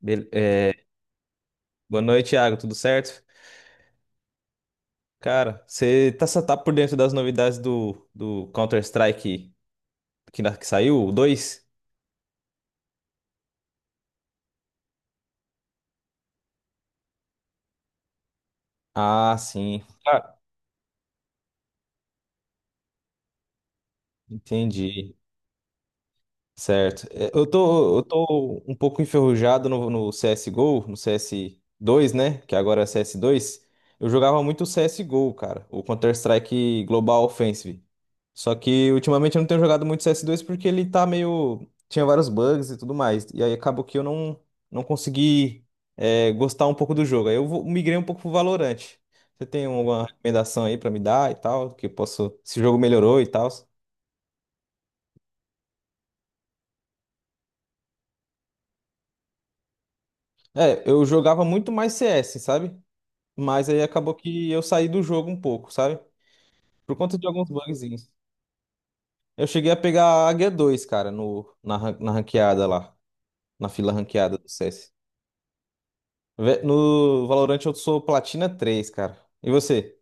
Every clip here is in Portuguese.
Bel- é, Boa noite, Thiago. Tudo certo? Cara, você tá por dentro das novidades do Counter-Strike que saiu, o dois? Ah, sim. Cara, entendi. Certo. Eu tô um pouco enferrujado no CSGO, no cs dois, né? Que agora é cs dois. Eu jogava muito C S G o CSGO, cara. O Counter-Strike Global Offensive. Só que ultimamente eu não tenho jogado muito cs dois porque ele tá meio. Tinha vários bugs e tudo mais. E aí acabou que eu não consegui gostar um pouco do jogo. Aí eu migrei um pouco pro Valorant. Você tem alguma recomendação aí pra me dar e tal? Que eu posso. Se o jogo melhorou e tal. Eu jogava muito mais CS, sabe? Mas aí acabou que eu saí do jogo um pouco, sabe? Por conta de alguns bugzinhos. Eu cheguei a pegar a Águia 2, cara, no, na, ran- na ranqueada lá. Na fila ranqueada do CS. No Valorant eu sou Platina 3, cara. E você?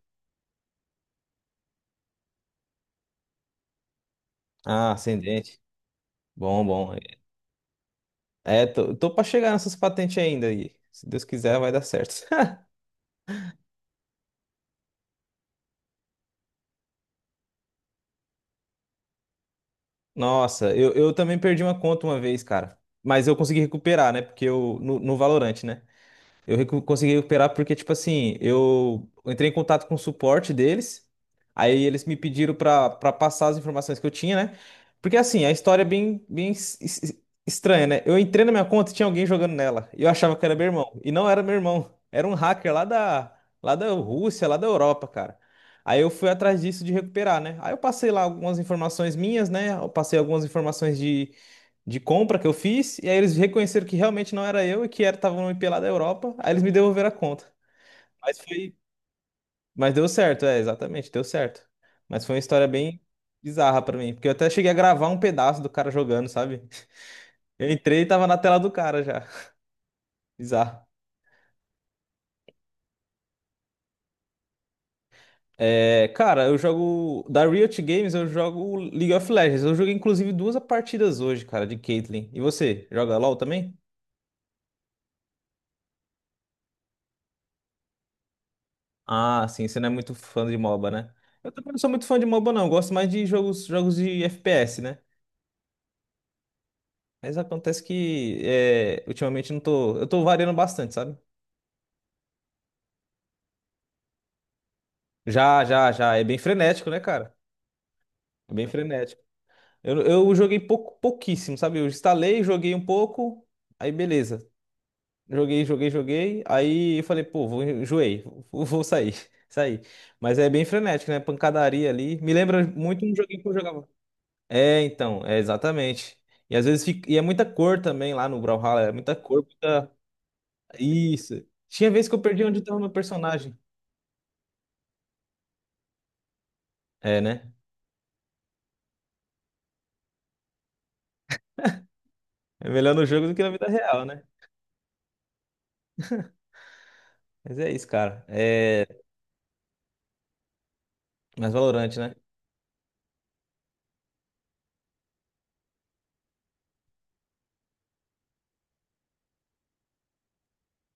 Ah, ascendente. Bom, bom. Tô pra chegar nessas patentes ainda aí. Se Deus quiser, vai dar certo. Nossa, eu também perdi uma conta uma vez, cara. Mas eu consegui recuperar, né? Porque eu. No Valorant, né? Eu consegui recuperar porque, tipo assim, eu entrei em contato com o suporte deles, aí eles me pediram pra para passar as informações que eu tinha, né? Porque, assim, a história é bem, bem estranha, né? Eu entrei na minha conta e tinha alguém jogando nela, e eu achava que era meu irmão, e não era meu irmão, era um hacker lá da Rússia, lá da Europa, cara. Aí eu fui atrás disso de recuperar, né? Aí eu passei lá algumas informações minhas, né? Eu passei algumas informações de compra que eu fiz, e aí eles reconheceram que realmente não era eu e que era estavam me pela da Europa, aí eles me devolveram a conta. Mas foi, mas deu certo, é, exatamente, deu certo. Mas foi uma história bem bizarra pra mim, porque eu até cheguei a gravar um pedaço do cara jogando, sabe? Eu entrei e tava na tela do cara já. Bizarro. Cara, eu jogo da Riot Games, eu jogo League of Legends. Eu joguei inclusive duas partidas hoje, cara, de Caitlyn. E você, joga LoL também? Ah, sim, você não é muito fã de MOBA, né? Eu também não sou muito fã de MOBA, não. Eu gosto mais de jogos de FPS, né? Mas acontece que ultimamente não tô. Eu tô variando bastante, sabe? Já, já, já. É bem frenético, né, cara? É bem frenético. Eu joguei pouco, pouquíssimo, sabe? Eu instalei, joguei um pouco, aí beleza. Joguei, joguei, joguei. Aí eu falei, pô, enjoei, vou sair, sair. Mas é bem frenético, né? Pancadaria ali. Me lembra muito um joguinho que eu jogava. É, então, é exatamente. E às vezes fica, e é muita cor também lá no Brawlhalla, é muita cor, muita. Isso. Tinha vez que eu perdi onde estava meu personagem. É, né? É melhor no jogo do que na vida real, né? Mas é isso, cara. É mais valorante, né?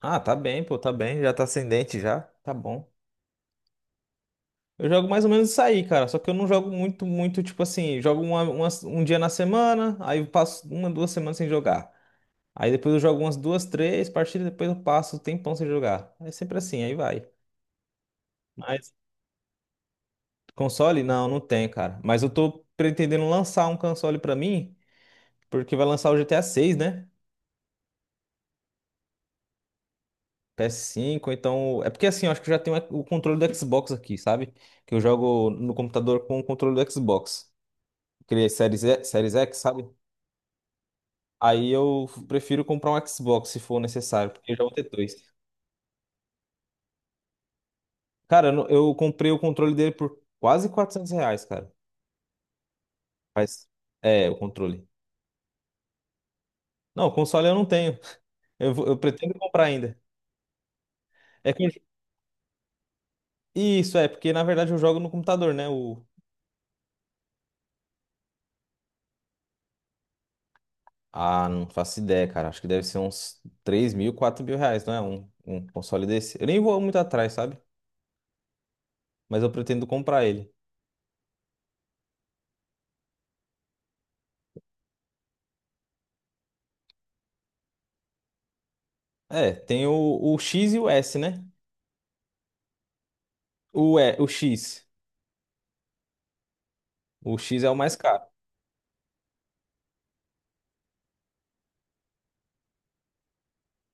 Ah, tá bem, pô, tá bem. Já tá ascendente já. Tá bom. Eu jogo mais ou menos isso aí, cara. Só que eu não jogo muito, muito, tipo assim, jogo um dia na semana, aí eu passo uma, 2 semanas sem jogar. Aí depois eu jogo umas duas, três partidas, depois eu passo o tempão sem jogar. É sempre assim, aí vai. Mas Console? Não, não tem, cara. Mas eu tô pretendendo lançar um console pra mim, porque vai lançar o GTA 6, né? PS5, então. É porque assim, eu acho que eu já tenho o controle do Xbox aqui, sabe? Que eu jogo no computador com o controle do Xbox. Aquele Series, Series X, sabe? Aí eu prefiro comprar um Xbox se for necessário, porque eu já vou ter dois. Cara, eu não- eu comprei o controle dele por quase R$ 400, cara. Mas. É, o controle. Não, o console eu não tenho. Eu pretendo comprar ainda. É que Isso, porque na verdade eu jogo no computador, né? O... Ah, não faço ideia, cara. Acho que deve ser uns 3.000, R$ 4.000, não é? Um console desse. Eu nem vou muito atrás, sabe? Mas eu pretendo comprar ele. É, tem o X e o S, né? O X. O X é o mais caro.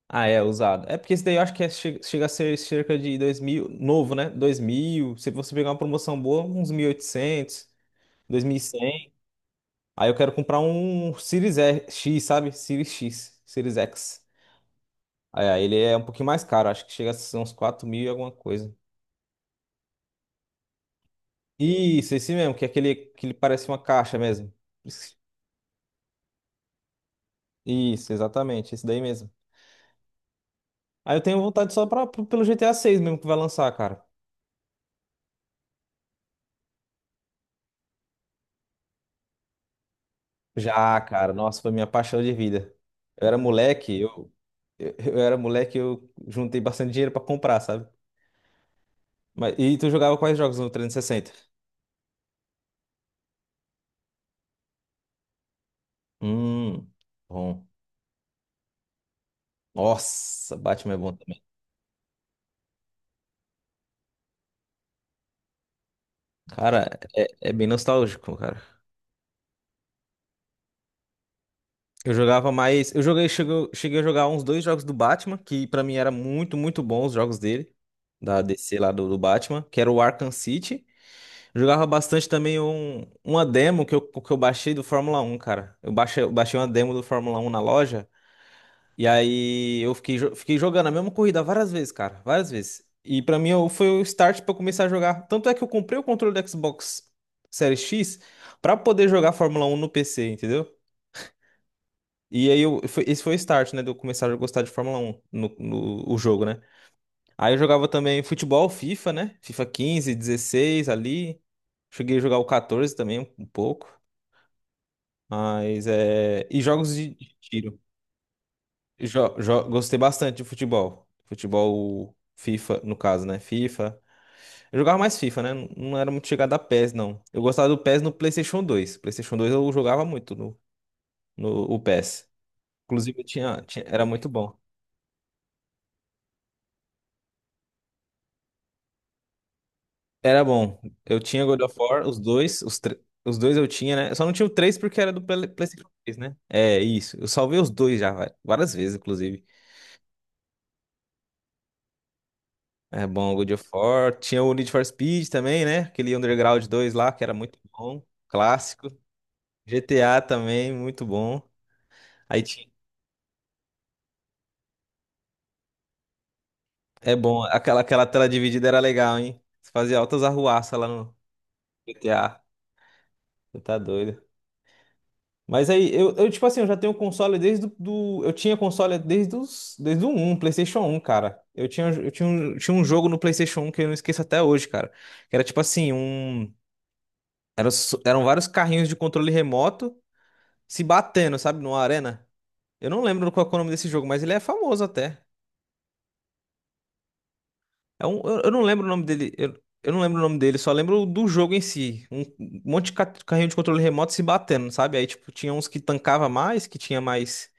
Ah, é, usado. É porque esse daí eu acho que chega, a ser cerca de 2.000, novo, né? 2.000. Se você pegar uma promoção boa, uns mil oitocentos, 2.100. Aí eu quero comprar um Series X, sabe? Series X, Series X. Aí, ele é um pouquinho mais caro, acho que chega a ser uns 4.000 e alguma coisa. Isso, esse mesmo, que é aquele que ele parece uma caixa mesmo. Isso, exatamente, esse daí mesmo. Aí eu tenho vontade só pelo GTA 6 mesmo que vai lançar, cara. Já, cara, nossa, foi minha paixão de vida. Eu era moleque, eu era moleque, eu juntei bastante dinheiro pra comprar, sabe? Mas, e tu jogava quais jogos no 360? Hum, bom. Nossa, Batman é bom também. Cara, é bem nostálgico, cara. Eu jogava mais. Eu joguei, cheguei a jogar uns dois jogos do Batman, que pra mim era muito, muito bons os jogos dele, da DC lá do Batman, que era o Arkham City. Eu jogava bastante também uma demo que eu baixei do Fórmula Um, cara. Eu baixei uma demo do Fórmula Um na loja, e aí eu fiquei jogando a mesma corrida várias vezes, cara, várias vezes. E pra mim foi o start pra eu começar a jogar. Tanto é que eu comprei o controle do Xbox Series X pra poder jogar Fórmula Um no PC, entendeu? E aí, esse foi o start, né, de eu começar a gostar de Fórmula 1, o jogo, né? Aí eu jogava também futebol, FIFA, né? FIFA 15, 16 ali. Cheguei a jogar o 14 também, um pouco. Mas é. E jogos de tiro. Gostei bastante de futebol. Futebol FIFA, no caso, né? FIFA. Eu jogava mais FIFA, né? Não era muito chegada a PES, não. Eu gostava do PES no PlayStation 2. PlayStation 2 eu jogava muito no, no o PES. Inclusive, era muito bom. Era bom. Eu tinha God of War, os dois, os dois eu tinha, né? Eu só não tinha o 3 porque era do PlayStation 3, né? É, isso. Eu salvei os dois já, várias vezes, inclusive. É bom, God of War. Tinha o Need for Speed também, né? Aquele Underground dois lá, que era muito bom. Clássico. GTA também, muito bom. Aí tinha. É bom. Aquela tela dividida era legal, hein? Você fazia altas arruaças lá no GTA. Você tá doido. Mas aí, tipo assim, eu já tenho console desde eu tinha console desde o um PlayStation um cara. Um, tinha um jogo no PlayStation um que eu não esqueço até hoje, cara. Que era tipo assim, um, eram vários carrinhos de controle remoto se batendo, sabe, numa arena. Eu não lembro qual é o nome desse jogo, mas ele é famoso até. Eu não lembro o nome dele, eu não lembro o nome dele, só lembro do jogo em si. Um monte de carrinho de controle remoto se batendo, sabe? Aí, tipo, tinha uns que tancava mais, que tinha mais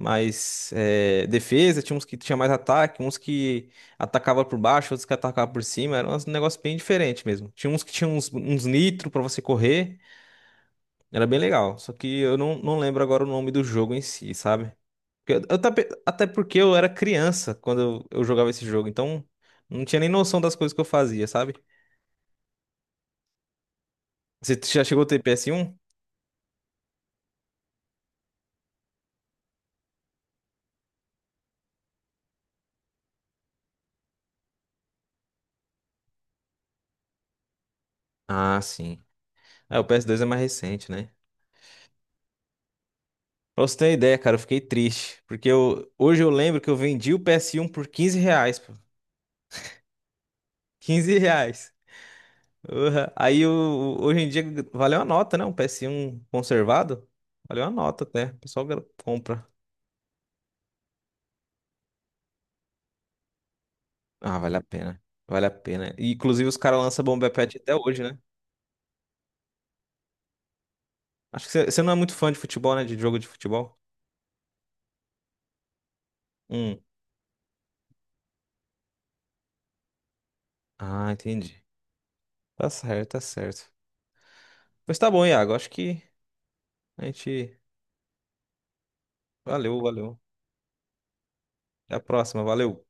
mais eh, defesa, tinha uns que tinha mais ataque, uns que atacava por baixo, outros que atacava por cima, era um negócio bem diferente mesmo. Tinha uns que tinha uns nitro pra você correr, era bem legal, só que eu não lembro agora o nome do jogo em si, sabe? Porque até porque eu era criança quando eu jogava esse jogo, então não tinha nem noção das coisas que eu fazia, sabe? Você já chegou a ter PS1? Ah, sim. Ah, o PS2 é mais recente, né? Pra você ter uma ideia, cara, eu fiquei triste. Porque hoje eu lembro que eu vendi o PS1 por 15 reais, pô. R$ 15. Urra. Aí hoje em dia valeu a nota, né? Um PS1 conservado. Valeu a nota até. O pessoal compra. Ah, vale a pena. Vale a pena. E, inclusive os caras lançam Bomba Patch até hoje, né? Acho que você não é muito fã de futebol, né? De jogo de futebol. Hum. Ah, entendi. Tá certo, tá certo. Pois tá bom, Iago. Acho que a gente. Valeu, valeu. Até a próxima. Valeu.